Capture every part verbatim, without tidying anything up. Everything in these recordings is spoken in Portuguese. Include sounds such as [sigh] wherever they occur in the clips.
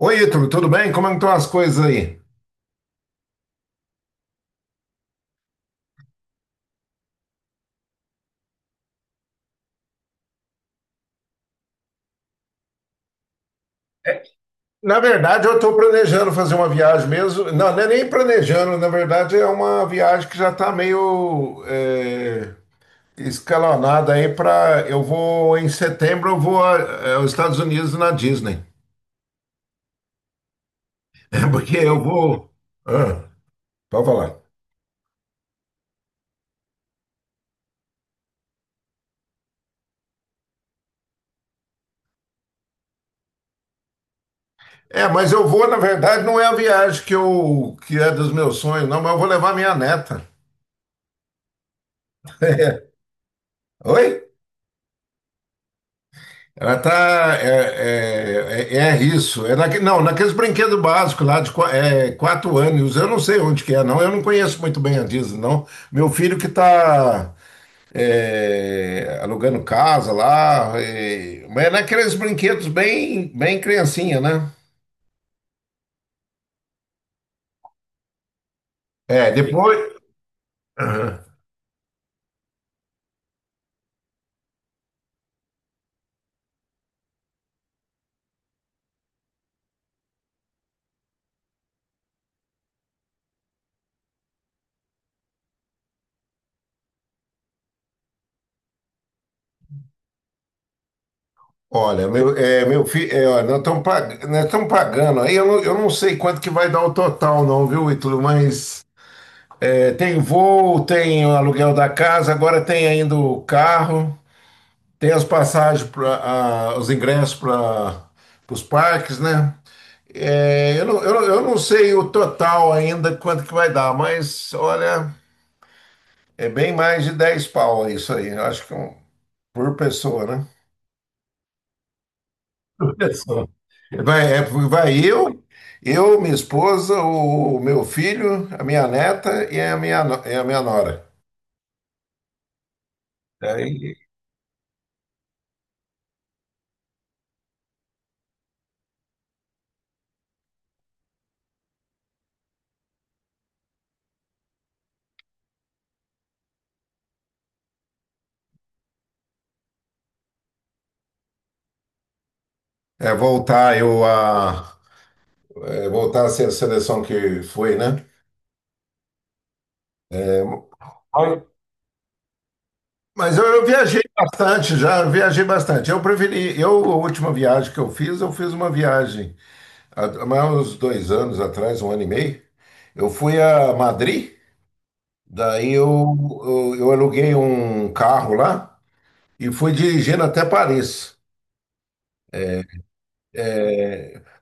Oi, Ítalo, tudo bem? Como é que estão as coisas aí? Na verdade, eu estou planejando fazer uma viagem mesmo. Não, não é nem planejando, na verdade, é uma viagem que já está meio é, escalonada aí para. Eu vou, em setembro, eu vou a- é, aos Estados Unidos na Disney. [laughs] É porque eu vou. Ah, pode falar. É, mas eu vou, na verdade, não é a viagem que, eu, que é dos meus sonhos, não, mas eu vou levar minha neta. Oi? Ela tá. É, é, é- é isso. É naque, não, Naqueles brinquedos básicos lá de qua- é, quatro anos. Eu não sei onde que é, não. Eu não conheço muito bem a Disney, não. Meu filho que tá é, alugando casa lá. É, mas é naqueles brinquedos bem, bem criancinha, né? É, depois. Aham. Olha, meu, é, meu filho, é, ó, nós estamos pagando, nós estamos pagando aí, eu não, eu não sei quanto que vai dar o total, não, viu, Ítalo? Mas É, tem voo, tem o aluguel da casa, agora tem ainda o carro, tem as passagens para os ingressos para os parques, né? É, eu, não, eu, não- eu não sei o total ainda quanto que vai dar, mas olha, é bem mais de dez pau isso aí, eu acho que um- por pessoa, né? [laughs] Por pessoa. Vai, é, vai eu, eu, minha esposa, o meu filho, a minha neta e a minha, no- e a minha nora. Daí é voltar eu a é, voltar a ser a seleção que foi, né? Olha, mas eu, eu viajei bastante, já viajei bastante. Eu preferi, eu, a última viagem que eu fiz, eu fiz uma viagem há há mais uns dois anos atrás, um ano e meio. Eu fui a Madrid, daí eu, eu, eu aluguei um carro lá e fui dirigindo até Paris,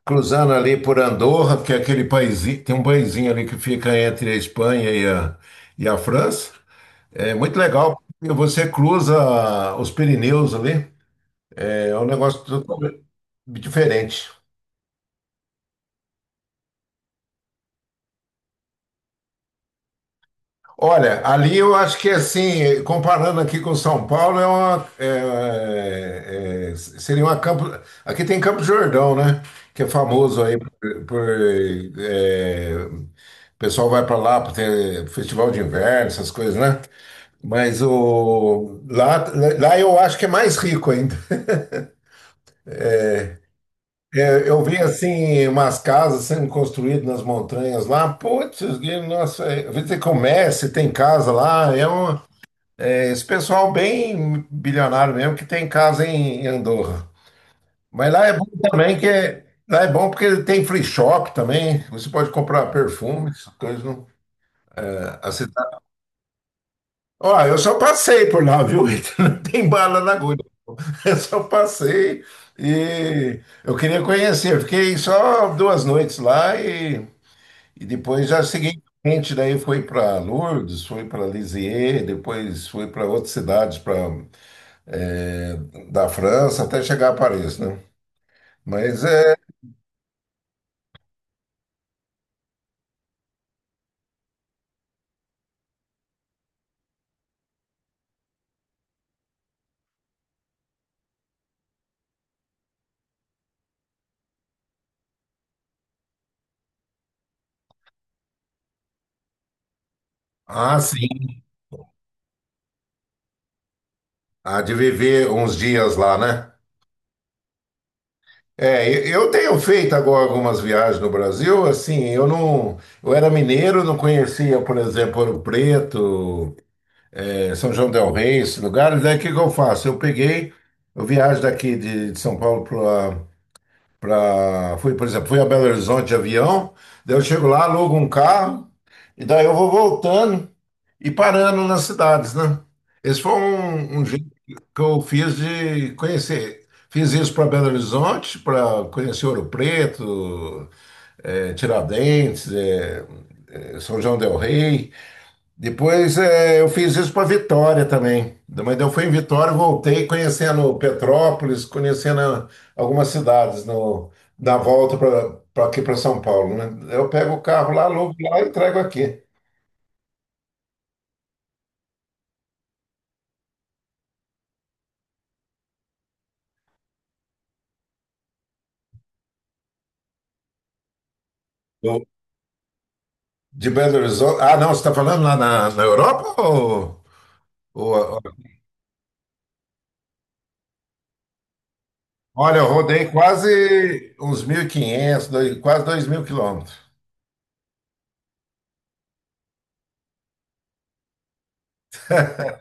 cruzando ali por Andorra, que é aquele país, tem um paísinho ali que fica entre a Espanha e a, e a França. É muito legal, porque você cruza os Pirineus ali, é um negócio totalmente diferente. Olha, ali eu acho que assim, comparando aqui com São Paulo, é uma, é- é- é, seria uma Campo. Aqui tem Campo Jordão, né? Que é famoso aí por, por, é, o pessoal vai para lá para ter festival de inverno, essas coisas, né? Mas o lá, lá eu acho que é mais rico ainda. É, eu vi assim umas casas sendo construídas nas montanhas lá. Putz, nossa, é, eu vi dizer que o Messi tem casa lá. É, um, é esse pessoal bem bilionário mesmo que tem casa em, em Andorra. Mas lá é bom também que é- lá é bom porque tem free shop também. Você pode comprar perfumes, coisas não. É, a cidade. Ó, eu só passei por lá, viu? [laughs] Ítalo? Não tem bala na agulha. Eu só passei e eu queria conhecer. Eu fiquei só duas noites lá e E depois, já seguinte, daí foi para Lourdes, foi para Lisieux, depois foi para outras cidades pra, é, da França, até chegar a Paris, né? Mas é. Ah, sim. Há de viver uns dias lá, né? É, e- eu tenho feito agora algumas viagens no Brasil, assim, eu não, eu era mineiro, não conhecia, por exemplo, Ouro Preto, eh, São João del Rei, esses lugares, daí o que que eu faço? Eu peguei, eu viajo daqui de, de São Paulo pra, fui, por exemplo, fui a Belo Horizonte de avião, daí eu chego lá, alugo um carro, e daí eu vou voltando e parando nas cidades, né? Esse foi um, um jeito que eu fiz de conhecer. Fiz isso para Belo Horizonte, para conhecer Ouro Preto, eh, Tiradentes, eh, eh, São João del Rei. Depois eh, eu fiz isso para Vitória também. Mas eu fui em Vitória, voltei conhecendo Petrópolis, conhecendo ah, algumas cidades no, na volta para aqui para São Paulo, né? Eu pego o carro lá, alugo lá e entrego aqui. Eu- de Belo Horizonte. Ah, não, você está falando lá na, na Europa? Ou, ou- Olha, eu rodei quase uns mil e quinhentos, dois- quase dois mil quilômetros. [laughs]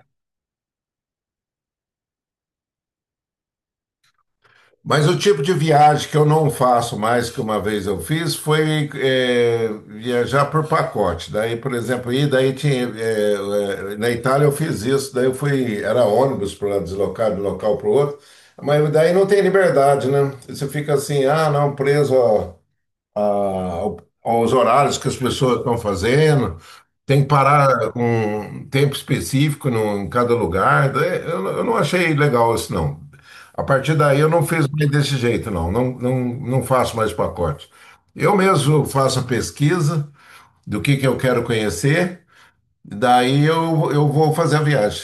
Mas o tipo de viagem que eu não faço mais que uma vez eu fiz foi é, viajar por pacote. Daí, por exemplo, ir, daí tinha, é, é, na Itália eu fiz isso, daí eu fui, era ônibus para deslocar de um local para o outro, mas daí não tem liberdade, né? Você fica assim, ah, não, preso a a- ao- aos horários que as pessoas estão fazendo, tem que parar com um tempo específico no- em cada lugar. É, Eu, não- eu não achei legal isso, não. A partir daí eu não fiz mais desse jeito, não. Não, não, não faço mais pacotes. Eu mesmo faço a pesquisa do que, que eu quero conhecer, daí eu, eu vou fazer a viagem.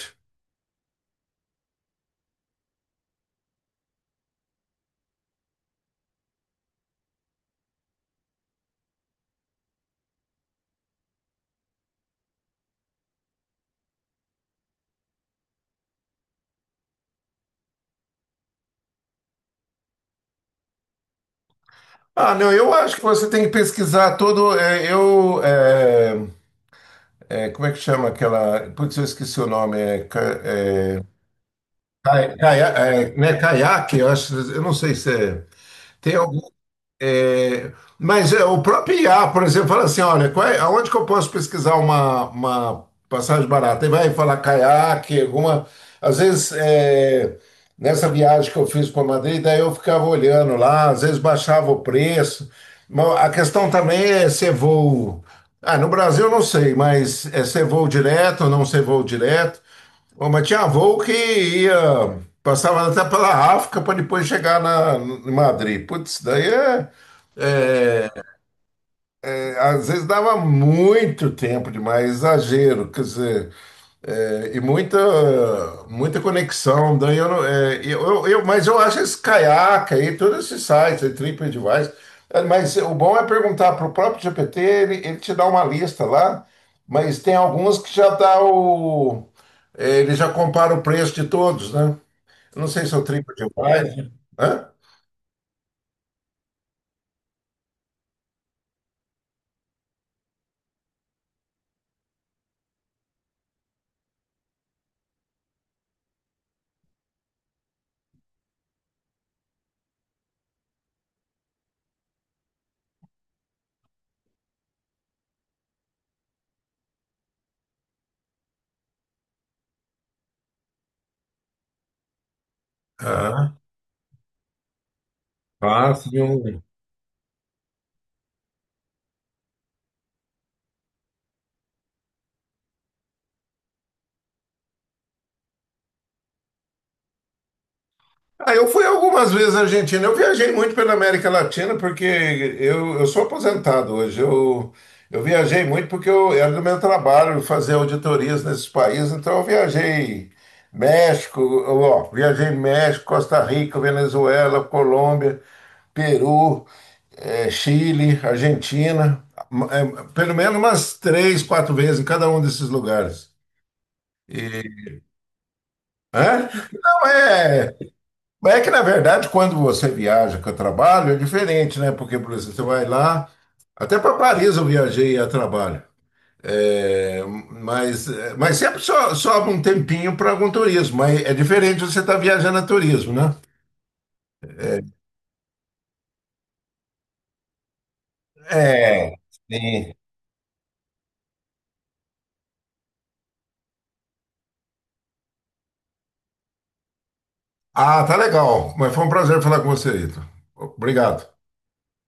Ah, não, eu acho que você tem que pesquisar todo. é, eu. É, é, como é que chama aquela. Putz, eu esqueci o nome. É, ca- é, Cai- caia- é, né, caiaque, eu acho, eu não sei se é. Tem algum, é, mas é, o próprio I A, por exemplo, fala assim: olha, qual é- aonde que eu posso pesquisar uma, uma passagem barata? E vai falar caiaque, alguma. Às vezes, é, nessa viagem que eu fiz para Madrid, daí eu ficava olhando lá, às vezes baixava o preço. Mas a questão também é ser voo. Ah, no Brasil eu não sei, mas é ser voo direto ou não ser voo direto. Bom, mas tinha voo que ia, passava até pela África para depois chegar na, em Madrid. Putz, daí é. Às vezes dava muito tempo demais, exagero, quer dizer, é, e muita, muita conexão. Daí eu, não- é, eu, eu- Mas eu acho esse caiaca aí, todos esses sites, aí, TripAdvisor. é, Mas o bom é perguntar para o próprio G P T, ele, ele te dá uma lista lá, mas tem alguns que já dá o. É, ele já compara o preço de todos, né? Eu não sei se é o TripAdvisor. Hã? Ah, fácil. Ah, eu fui algumas vezes à Argentina. Eu viajei muito pela América Latina porque eu, eu sou aposentado hoje. Eu, eu viajei muito porque eu, era do meu trabalho fazer auditorias nesses países. Então eu viajei México, eu, ó, viajei México, Costa Rica, Venezuela, Colômbia, Peru, eh, Chile, Argentina. Ma- eh, pelo menos umas três, quatro vezes em cada um desses lugares. Hã? Não é. Mas é que, na verdade, quando você viaja que eu trabalho, é diferente, né? Porque, por exemplo, você vai lá, até para Paris eu viajei a trabalho. É, mas, mas sempre so- sobra um tempinho para algum turismo. Mas é diferente você estar viajando a turismo, né? É, é, sim. Ah, tá legal. Mas foi um prazer falar com você, Ito. Obrigado.